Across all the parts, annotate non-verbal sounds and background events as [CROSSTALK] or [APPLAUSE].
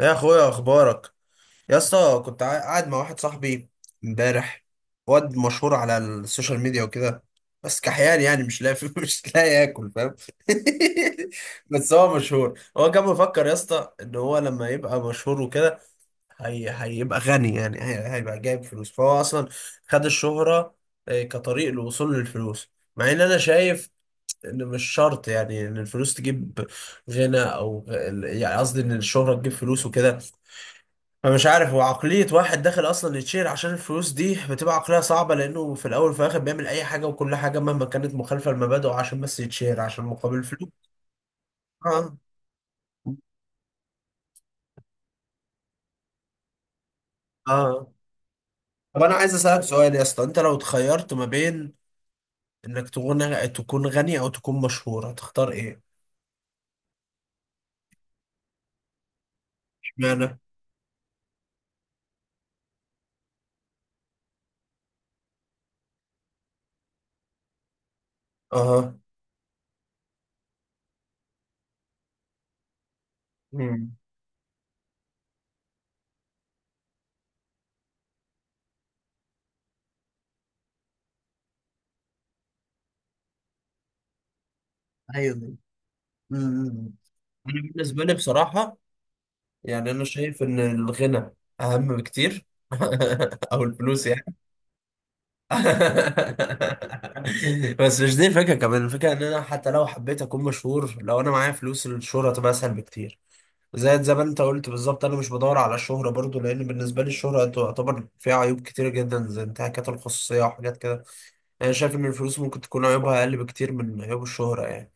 يا اخويا اخبارك يا اسطى. كنت قاعد مع واحد صاحبي امبارح، واد مشهور على السوشيال ميديا وكده، بس كحيان يعني مش لاقي [LAUGHS] مش لاقي ياكل فاهم. [LAUGHS] بس هو مشهور، هو كان مفكر يا اسطى ان هو لما يبقى مشهور وكده هي... هيبقى غني، يعني هيبقى جايب فلوس، فهو اصلا خد الشهرة آه، كطريق للوصول للفلوس. مع ان انا شايف ان مش شرط يعني ان الفلوس تجيب غنى، او يعني قصدي ان الشهرة تجيب فلوس وكده. فمش عارف، هو عقلية واحد داخل أصلا يتشهر عشان الفلوس دي بتبقى عقلية صعبة، لأنه في الأول وفي الآخر بيعمل أي حاجة وكل حاجة مهما كانت مخالفة لمبادئه عشان بس يتشهر، عشان مقابل فلوس. آه. آه. طب أنا عايز أسألك سؤال يا اسطى، أنت لو اتخيرت ما بين إنك تكون غني أو تكون مشهور، هتختار إيه؟ اشمعنى؟ آه. امم. أيوه. امم. أنا بالنسبة لي بصراحة يعني أنا شايف إن الغنى أهم بكتير [LAUGHS] أو الفلوس يعني. [LAUGHS] بس مش دي الفكرة، كمان الفكرة ان انا حتى لو حبيت اكون مشهور، لو انا معايا فلوس الشهرة تبقى اسهل بكتير. زي ما انت قلت بالظبط، انا مش بدور على الشهرة برضو، لان بالنسبة لي الشهرة تعتبر فيها عيوب كتير جدا زي انتهاكات الخصوصية وحاجات كده يعني. انا شايف ان الفلوس ممكن تكون عيوبها اقل بكتير من عيوب الشهرة يعني.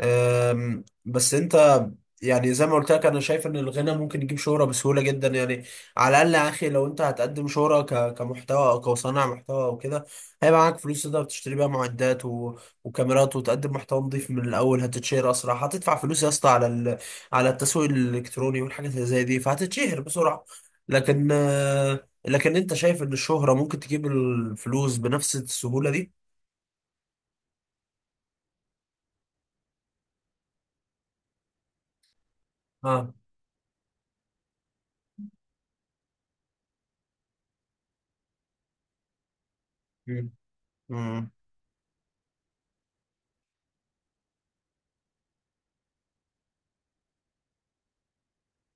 بس انت يعني زي ما قلت لك انا شايف ان الغنى ممكن يجيب شهرة بسهولة جدا يعني. على الاقل يا اخي، لو انت هتقدم شهرة كمحتوى او كصانع محتوى او كده، هيبقى معاك فلوس تقدر تشتري بيها معدات و... وكاميرات، وتقدم محتوى نظيف من الاول، هتتشهر اسرع. هتدفع فلوس يا اسطى على على التسويق الالكتروني والحاجات اللي زي دي، فهتتشهر بسرعة. لكن لكن انت شايف ان الشهرة ممكن تجيب الفلوس بنفس السهولة دي؟ اه. مم. مم.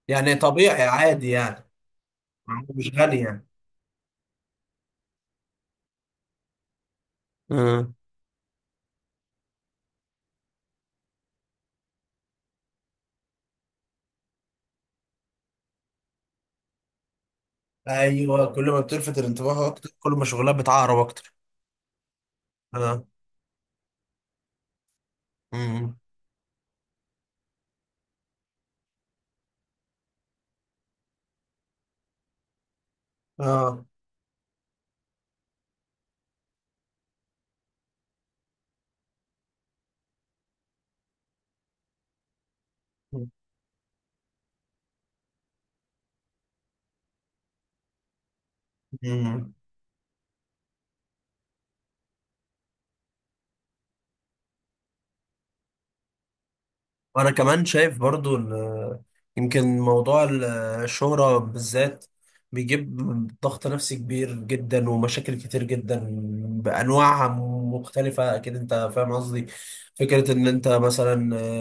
يعني طبيعي عادي يعني. مش غالي يعني. اه. ايوه، كل ما بتلفت الانتباه اكتر كل ما شغلها بتعقرب اكتر. اه. امم. اه. وانا كمان شايف برضو ان يمكن موضوع الشهرة بالذات بيجيب ضغط نفسي كبير جدا ومشاكل كتير جدا بانواعها مختلفة، اكيد انت فاهم قصدي. فكرة ان انت مثلا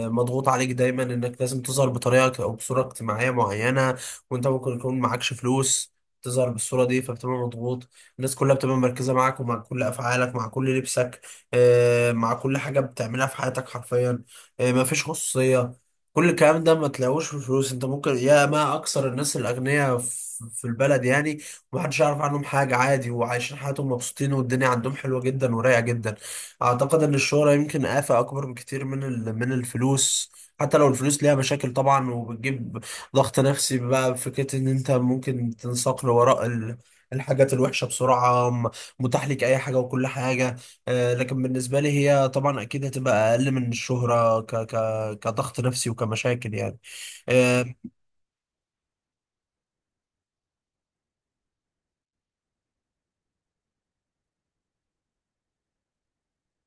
مضغوط عليك دايما انك لازم تظهر بطريقة او بصورة اجتماعية معينة، وانت ممكن يكون معكش فلوس تظهر بالصورة دي، فبتبقى مضغوط. الناس كلها بتبقى مركزة معاك ومع كل أفعالك، مع كل لبسك، مع كل حاجة بتعملها في حياتك حرفيا. ما فيش خصوصية. كل الكلام ده ما تلاقوش في الفلوس. انت ممكن يا ما اكثر الناس الاغنياء في البلد يعني، ومحدش يعرف عنهم حاجة، عادي، وعايشين حياتهم مبسوطين والدنيا عندهم حلوة جدا ورايقة جدا. اعتقد ان الشهرة يمكن آفة اكبر بكتير من من الفلوس. حتى لو الفلوس ليها مشاكل طبعا وبتجيب ضغط نفسي بقى بفكرة ان انت ممكن تنساق لوراء الحاجات الوحشة بسرعة، متاح لك اي حاجة وكل حاجة. لكن بالنسبة لي هي طبعا أكيد هتبقى أقل من الشهرة ك ك كضغط نفسي وكمشاكل يعني. آه.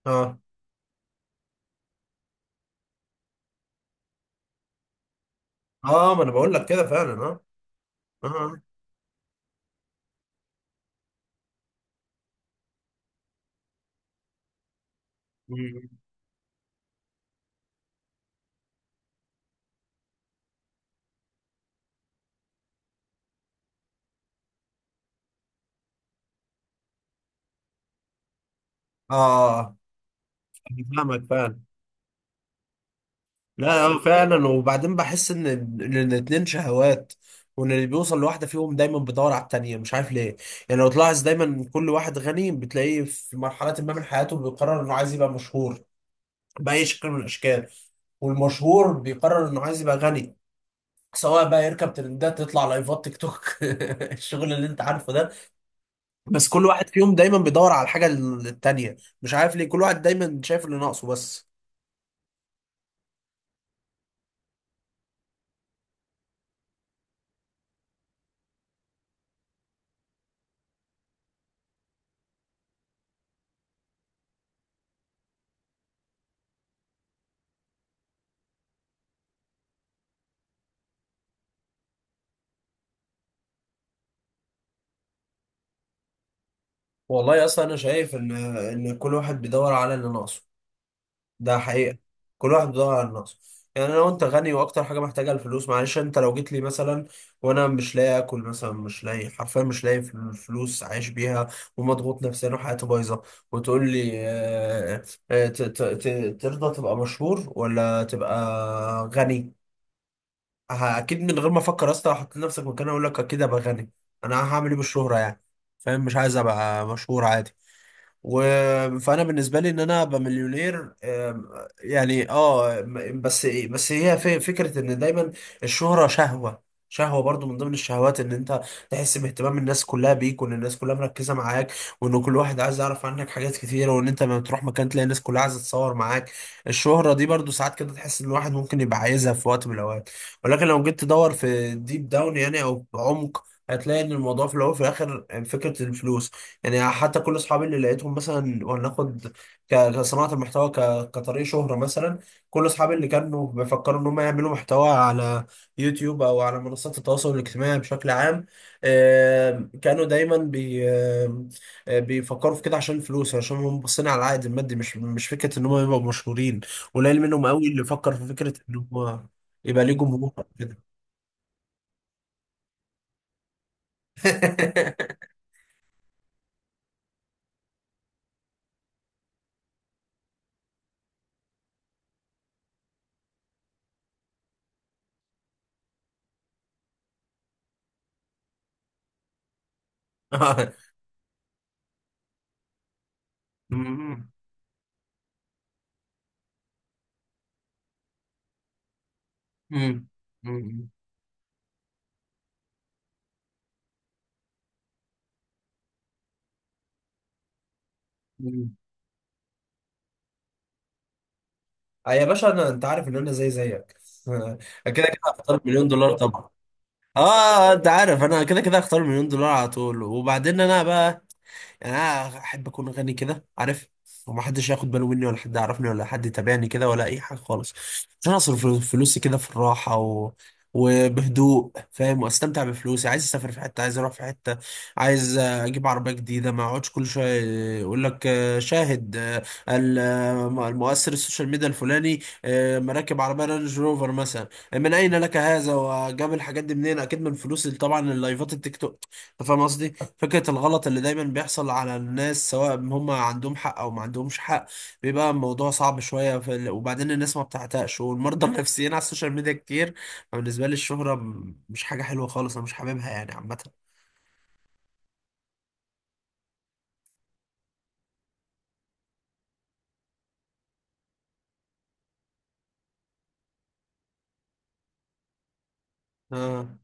آه. آه، ما أنا بقول لك كده فعلا. آه. آه. آه. مم. آه. أنا فاهمك فعلا. لا آه، فعلا. وبعدين بحس إن الاتنين شهوات، وإن اللي بيوصل لواحدة فيهم دايما بيدور على التانية، مش عارف ليه. يعني لو تلاحظ، دايما كل واحد غني بتلاقيه في مرحلة ما من حياته بيقرر إنه عايز يبقى مشهور بأي شكل من الأشكال، والمشهور بيقرر إنه عايز يبقى غني، سواء بقى يركب ترندات، تطلع لايفات تيك توك [LAUGHS] الشغل اللي انت عارفه ده. بس كل واحد فيهم دايما بيدور على الحاجه التانيه، مش عارف ليه، كل واحد دايما شايف اللي ناقصه بس. والله اصلا انا شايف ان كل واحد بيدور على اللي ناقصه، ده حقيقة. كل واحد بيدور على نفسه. يعني انا وانت غني واكتر حاجة محتاجها الفلوس، معلش انت لو جيت لي مثلا وانا مش لاقي اكل مثلا، مش لاقي حرفيا، مش لاقي فلوس عايش بيها، ومضغوط نفسيا وحياتي بايظة، وتقول لي ترضى تبقى مشهور ولا تبقى غني، اكيد من غير ما افكر اصلا، احط نفسك مكاني، اقول لك اكيد ابقى غني. انا هعمل ايه بالشهرة يعني، فاهم، مش عايز ابقى مشهور، عادي. و... فانا بالنسبه لي ان انا ابقى مليونير. يعني اه بس بس هي في فكره ان دايما الشهره شهوه، شهوه برضو من ضمن الشهوات ان انت تحس باهتمام الناس كلها بيك، وان الناس كلها مركزه معاك، وان كل واحد عايز يعرف عنك حاجات كتيره، وان انت لما تروح مكان تلاقي الناس كلها عايزه تتصور معاك. الشهره دي برضو ساعات كده تحس ان الواحد ممكن يبقى عايزها في وقت من الاوقات، ولكن لو جيت تدور في ديب داون يعني او بعمق، هتلاقي ان الموضوع في الاول وفي الاخر فكره الفلوس يعني. حتى كل اصحابي اللي لقيتهم مثلا، وناخد كصناعه المحتوى كطريق شهره مثلا، كل اصحابي اللي كانوا بيفكروا ان هم يعملوا محتوى على يوتيوب او على منصات التواصل الاجتماعي بشكل عام، كانوا دايما بي آم، بيفكروا في كده عشان الفلوس، عشان هم باصين على العائد المادي، مش فكره ان هم يبقوا مشهورين. قليل منهم قوي اللي فكر في فكره ان هم يبقى ليه جمهور كده. [LAUGHS] آه. مم. مم. مم. آه يا باشا انا، انت عارف ان انا زي زيك [LAUGHS] كده كده هختار مليون دولار طبعا. اه. آه، انت عارف انا كده كده هختار مليون دولار على طول. وبعدين انا بقى يعني انا احب اكون غني كده، عارف، وما حدش ياخد باله مني ولا حد يعرفني ولا حد يتابعني كده ولا اي حاجه خالص، عشان اصرف فلوسي كده في الراحه و... وبهدوء، فاهم، واستمتع بفلوسي. عايز اسافر في حته، عايز اروح في حته، عايز اجيب عربيه جديده، ما اقعدش كل شويه يقول لك شاهد المؤثر السوشيال ميديا الفلاني مراكب عربيه رانج روفر مثلا، من اين لك هذا، وجاب الحاجات دي منين، اكيد من فلوس طبعا اللايفات التيك توك، انت فاهم قصدي. فكره الغلط اللي دايما بيحصل على الناس سواء هم عندهم حق او ما عندهمش حق، بيبقى الموضوع صعب شويه في وبعدين الناس ما بتعتقش، والمرضى [LAUGHS] النفسيين على السوشيال ميديا كتير، فبالنسبه لي الشهره مش حاجه حلوه خالص، انا مش حاببها يعني عامه. آه.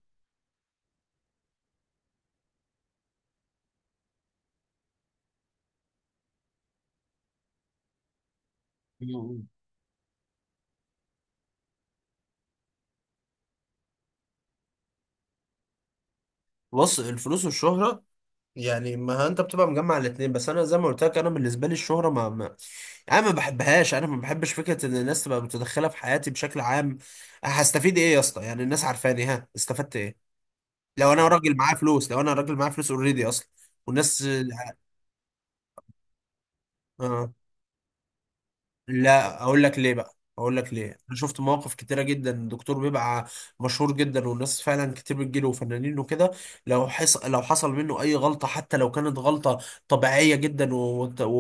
بص الفلوس والشهره يعني ما انت بتبقى مجمع الاثنين. بس انا زي ما قلت لك انا بالنسبه لي الشهره ما, ما يعني انا ما بحبهاش، انا ما بحبش فكره ان الناس تبقى متدخله في حياتي بشكل عام. هستفيد ايه يا اسطى يعني الناس عارفاني، ها استفدت ايه؟ لو انا راجل معايا فلوس، لو انا راجل معايا فلوس اوريدي اصلا والناس. اه. لا اقول لك ليه بقى، اقول لك ليه، انا شفت مواقف كتيره جدا الدكتور بيبقى مشهور جدا والناس فعلا كتير بتجيله وفنانين وكده، لو حصل منه اي غلطه، حتى لو كانت غلطه طبيعيه جدا وزي و...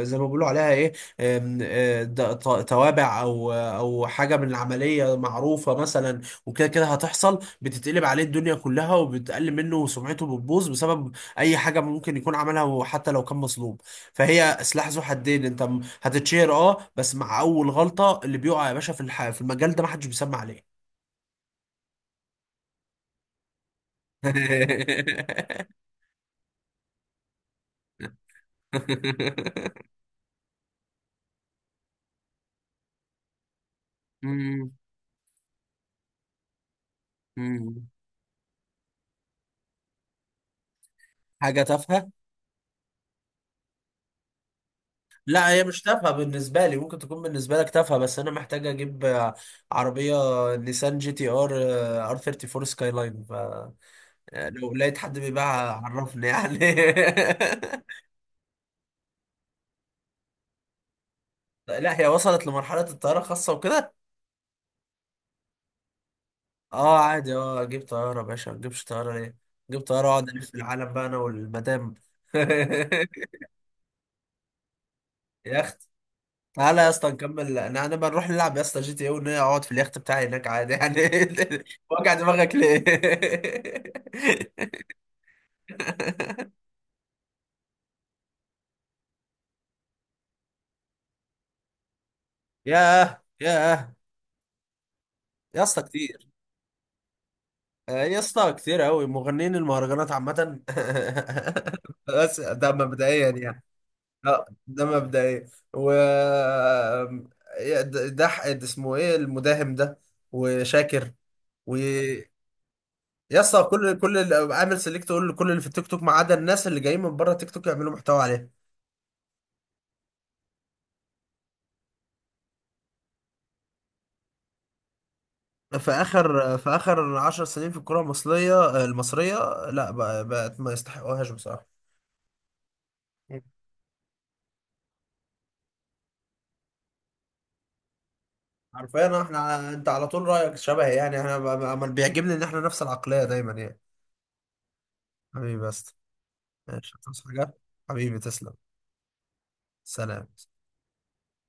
و... زي ما بيقولوا عليها ايه أم، أه، د- ط- توابع او حاجه من العمليه معروفه مثلا، وكده كده هتحصل، بتتقلب عليه الدنيا كلها وبتقل منه، وسمعته بتبوظ بسبب اي حاجه ممكن يكون عملها، وحتى لو كان مظلوم. فهي سلاح ذو حدين، انت هتتشهر اه، بس مع اول غلطة اللي بيقع يا باشا في في المجال ده محدش بيسمع عليه. [LAUGHS] مم. مم. حاجة تافهة. لا هي مش تافهة بالنسبة لي، ممكن تكون بالنسبة لك تافهة، بس انا محتاج اجيب عربية نيسان جي تي ار، ار 34 سكاي لاين، ف لو لقيت حد بيبيعها عرفني يعني. [LAUGHS] لا هي وصلت لمرحلة الطيارة خاصة وكده. اه عادي، اه اجيب طيارة يا باشا، ما اجيبش طيارة ليه، اجيب طيارة واقعد الف العالم بقى انا والمدام. [LAUGHS] يخت. تعالى يا اسطى نكمل، انا بنروح نلعب يا اسطى جي تي اي، ونقعد اقعد في اليخت بتاعي هناك عادي يعني. [LAUGHS] وجع دماغك ليه. [LAUGHS] ياه ياه يا اسطى كتير. آه، يا اسطى كتير قوي، مغنيين المهرجانات عامة. [LAUGHS] بس ده مبدئيا يعني. اه ده مبدئيا و يا ده ده اسمه ايه، المداهم ده، وشاكر، و يا اسطى كل عامل سيلكت، كل اللي في التيك توك ما عدا الناس اللي جايين من بره التيك توك يعملوا محتوى عليه. في اخر 10 سنين في الكره المصريه لا بقت ما يستحقوهاش بصراحه. مم. حرفيا احنا انت على طول رايك شبه، يعني احنا ما بيعجبني ان احنا نفس العقليه دايما يعني. حبيبي بس. ماشي، تصحى حاجه. حبيبي تسلم. سلام.